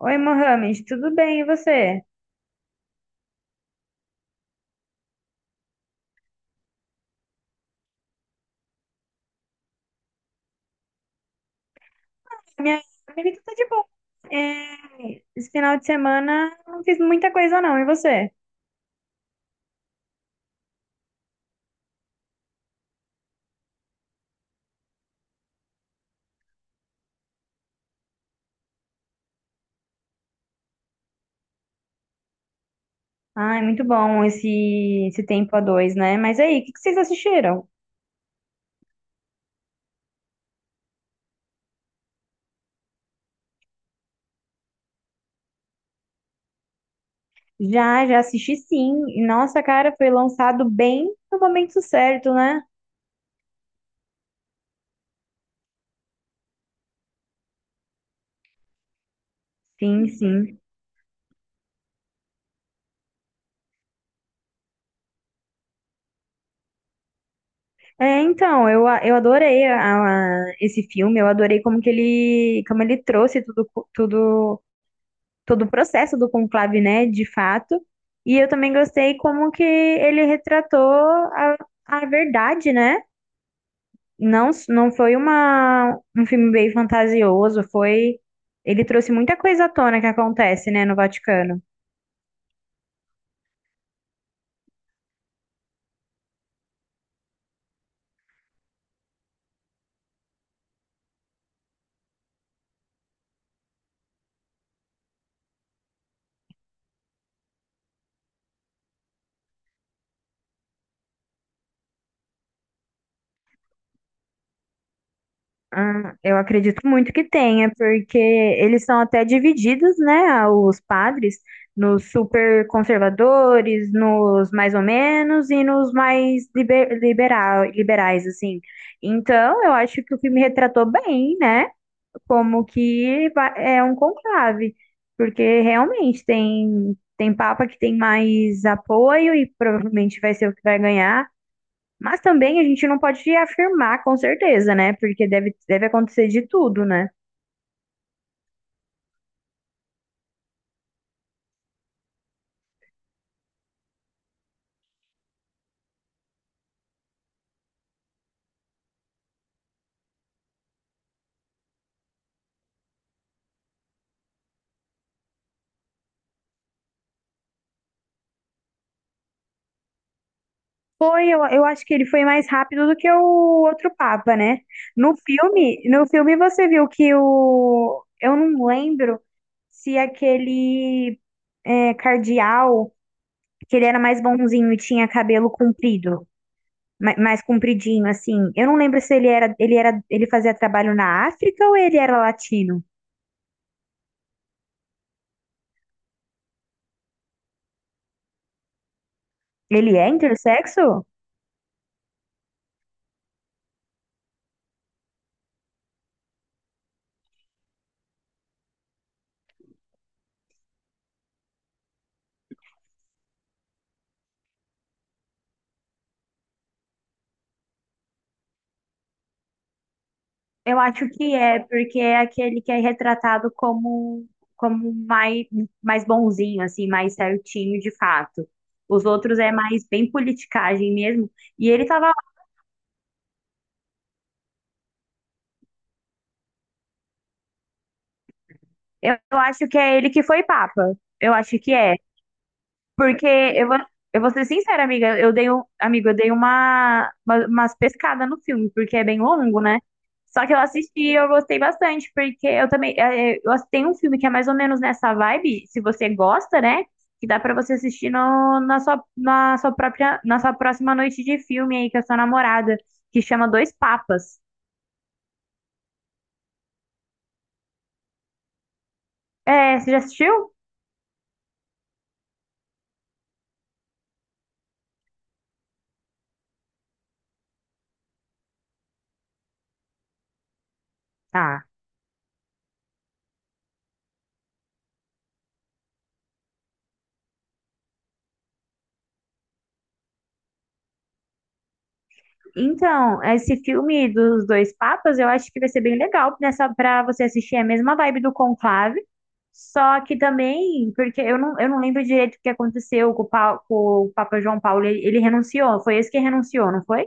Oi, Mohamed, tudo bem? E você? Minha amiga tá de boa. É, esse final de semana não fiz muita coisa, não. E você? Ai, muito bom esse tempo a dois, né? Mas aí, o que que vocês assistiram? Já assisti, sim. E nossa, cara, foi lançado bem no momento certo, né? Sim, sim. Então eu adorei esse filme, eu adorei como que ele, como ele trouxe tudo, todo o processo do conclave, né, de fato. E eu também gostei como que ele retratou a verdade, né? Não foi uma, um filme bem fantasioso, foi. Ele trouxe muita coisa à tona que acontece, né, no Vaticano. Ah, eu acredito muito que tenha, porque eles são até divididos, né, os padres, nos super conservadores, nos mais ou menos e nos mais liberais, assim. Então, eu acho que o filme retratou bem, né, como é um conclave, porque realmente tem, tem papa que tem mais apoio e provavelmente vai ser o que vai ganhar, mas também a gente não pode afirmar com certeza, né? Porque deve acontecer de tudo, né? Foi, eu acho que ele foi mais rápido do que o outro Papa, né? No filme você viu que o... Eu não lembro se aquele cardeal, que ele era mais bonzinho e tinha cabelo comprido, mais compridinho, assim. Eu não lembro se ele era, ele era, ele fazia trabalho na África ou ele era latino. Ele é intersexo? Eu acho que é, porque é aquele que é retratado como, como mais, mais bonzinho, assim, mais certinho de fato. Os outros é mais bem politicagem mesmo. E ele tava... eu acho que é ele que foi papa. Eu acho que é. Porque eu vou ser sincera, amiga, eu dei, amigo, eu dei umas pescadas no filme, porque é bem longo, né? Só que eu assisti e eu gostei bastante, porque eu também, tem um filme que é mais ou menos nessa vibe, se você gosta, né? Que dá pra você assistir no, na sua própria, na sua próxima noite de filme aí com a sua namorada, que chama Dois Papas. É, você já assistiu? Tá. Então, esse filme dos dois papas, eu acho que vai ser bem legal nessa para você assistir. É a mesma vibe do Conclave, só que também, porque eu não lembro direito o que aconteceu com com o Papa João Paulo, ele renunciou, foi esse que renunciou, não foi?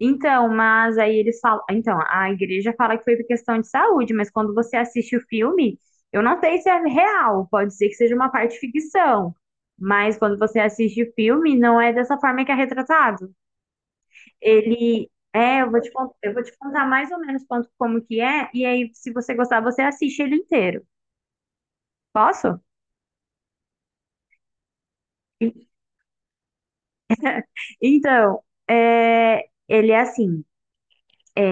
Então, mas aí eles falam, então, a igreja fala que foi por questão de saúde, mas quando você assiste o filme, eu não sei se é real, pode ser que seja uma parte ficção, mas quando você assiste o filme, não é dessa forma que é retratado. Ele é... eu vou te contar mais ou menos como que é, e aí, se você gostar, você assiste ele inteiro. Posso? Então, ele é assim,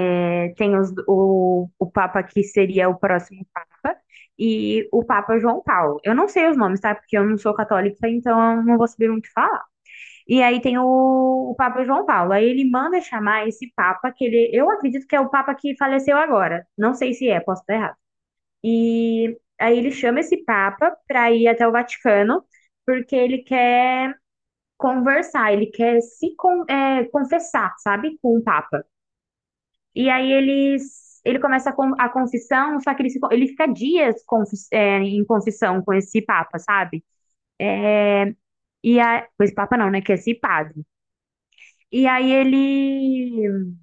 tem o Papa que seria o próximo Papa e o Papa João Paulo. Eu não sei os nomes, tá? Porque eu não sou católica, então eu não vou saber muito falar. E aí tem o Papa João Paulo. Aí ele manda chamar esse Papa, que ele, eu acredito que é o Papa que faleceu agora. Não sei se é, posso estar errado. E aí ele chama esse Papa para ir até o Vaticano, porque ele quer conversar, ele quer se con- é, confessar, sabe, com o Papa. E aí eles, ele começa a confissão, só que ele, se con- ele fica dias em confissão com esse Papa, sabe? É, e a, com esse Papa não, né? Que é esse padre. E aí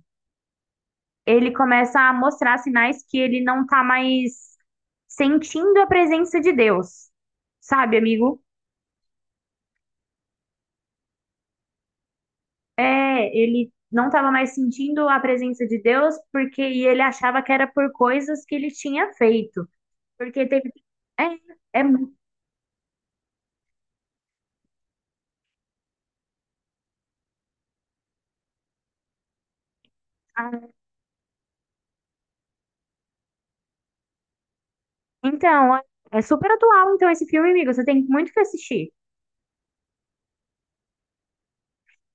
ele começa a mostrar sinais que ele não tá mais sentindo a presença de Deus. Sabe, amigo? É, ele não estava mais sentindo a presença de Deus porque e ele achava que era por coisas que ele tinha feito. Porque teve... É, é, mu- ah, então, é super atual, então, esse filme, amigo. Você tem muito que assistir.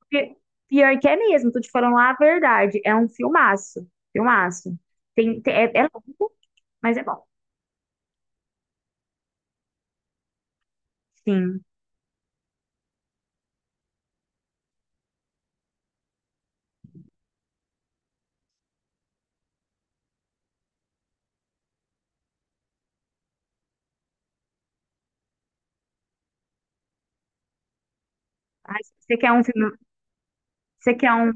Porque, pior que é mesmo, tô te falando a verdade. É um filmaço. Filmaço. É longo, mas é bom. Sim. Ai, você quer um filme. Você quer um.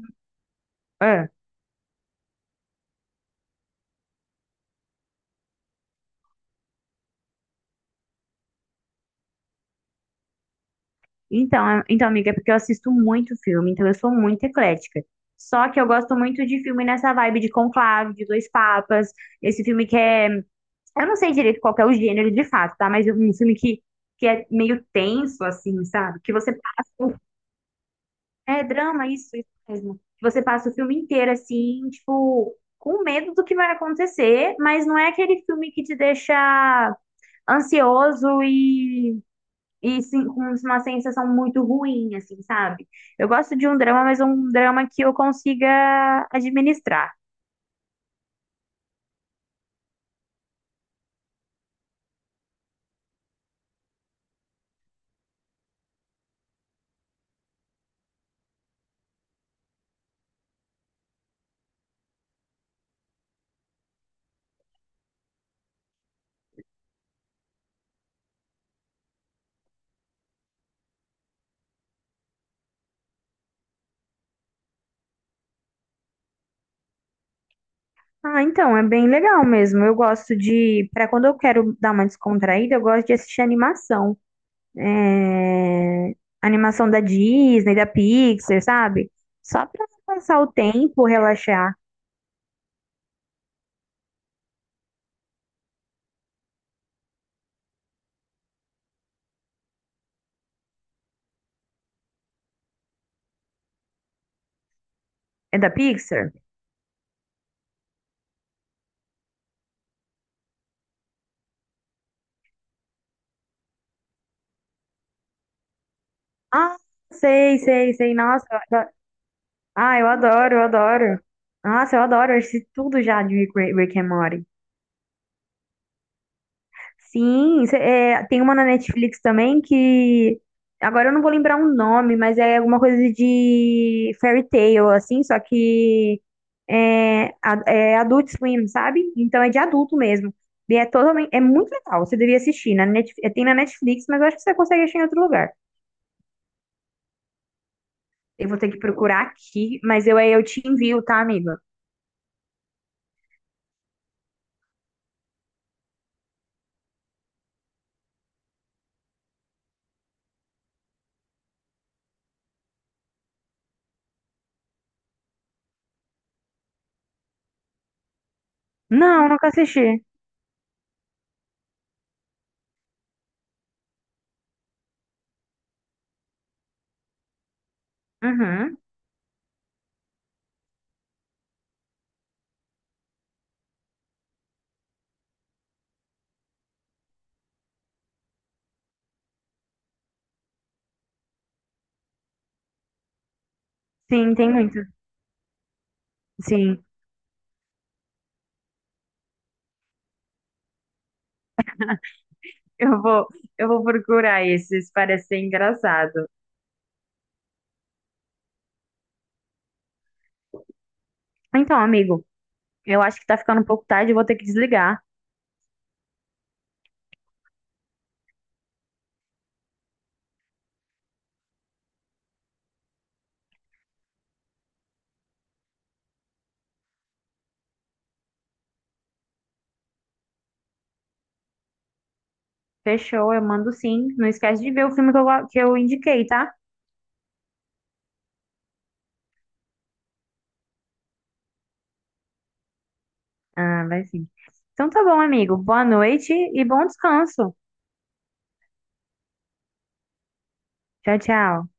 Então, amiga, é porque eu assisto muito filme, então eu sou muito eclética. Só que eu gosto muito de filme nessa vibe de Conclave, de Dois Papas, esse filme que é... Eu não sei direito qual que é o gênero de fato, tá? Mas é um filme que é meio tenso, assim, sabe? Que você passa. É drama, isso mesmo. Que você passa o filme inteiro, assim, tipo, com medo do que vai acontecer, mas não é aquele filme que te deixa ansioso e sim, com uma sensação muito ruim, assim, sabe? Eu gosto de um drama, mas um drama que eu consiga administrar. Ah, então, é bem legal mesmo. Eu gosto de, para quando eu quero dar uma descontraída, eu gosto de assistir animação. É, animação da Disney, da Pixar, sabe? Só pra passar o tempo, relaxar. É da Pixar? Ah, sei. Nossa, eu adoro... ah, eu adoro. Nossa, eu adoro. Eu assisti tudo já de Rick and Morty. Sim, tem uma na Netflix também que agora eu não vou lembrar o nome, mas é alguma coisa de fairy tale, assim, só que é Adult Swim, sabe? Então é de adulto mesmo. E é totalmente, é muito legal, você devia assistir. Na Net, é, tem na Netflix, mas eu acho que você consegue achar em outro lugar. Eu vou ter que procurar aqui, aí eu te envio, tá, amiga? Não, nunca assisti. Uhum. Sim, tem muito. Sim, eu vou, eu vou procurar esses, parece ser engraçado. Então, amigo, eu acho que tá ficando um pouco tarde, eu vou ter que desligar. Fechou, eu mando sim. Não esquece de ver o filme que que eu indiquei, tá? Ah, vai sim. Então tá bom, amigo. Boa noite e bom descanso. Tchau, tchau.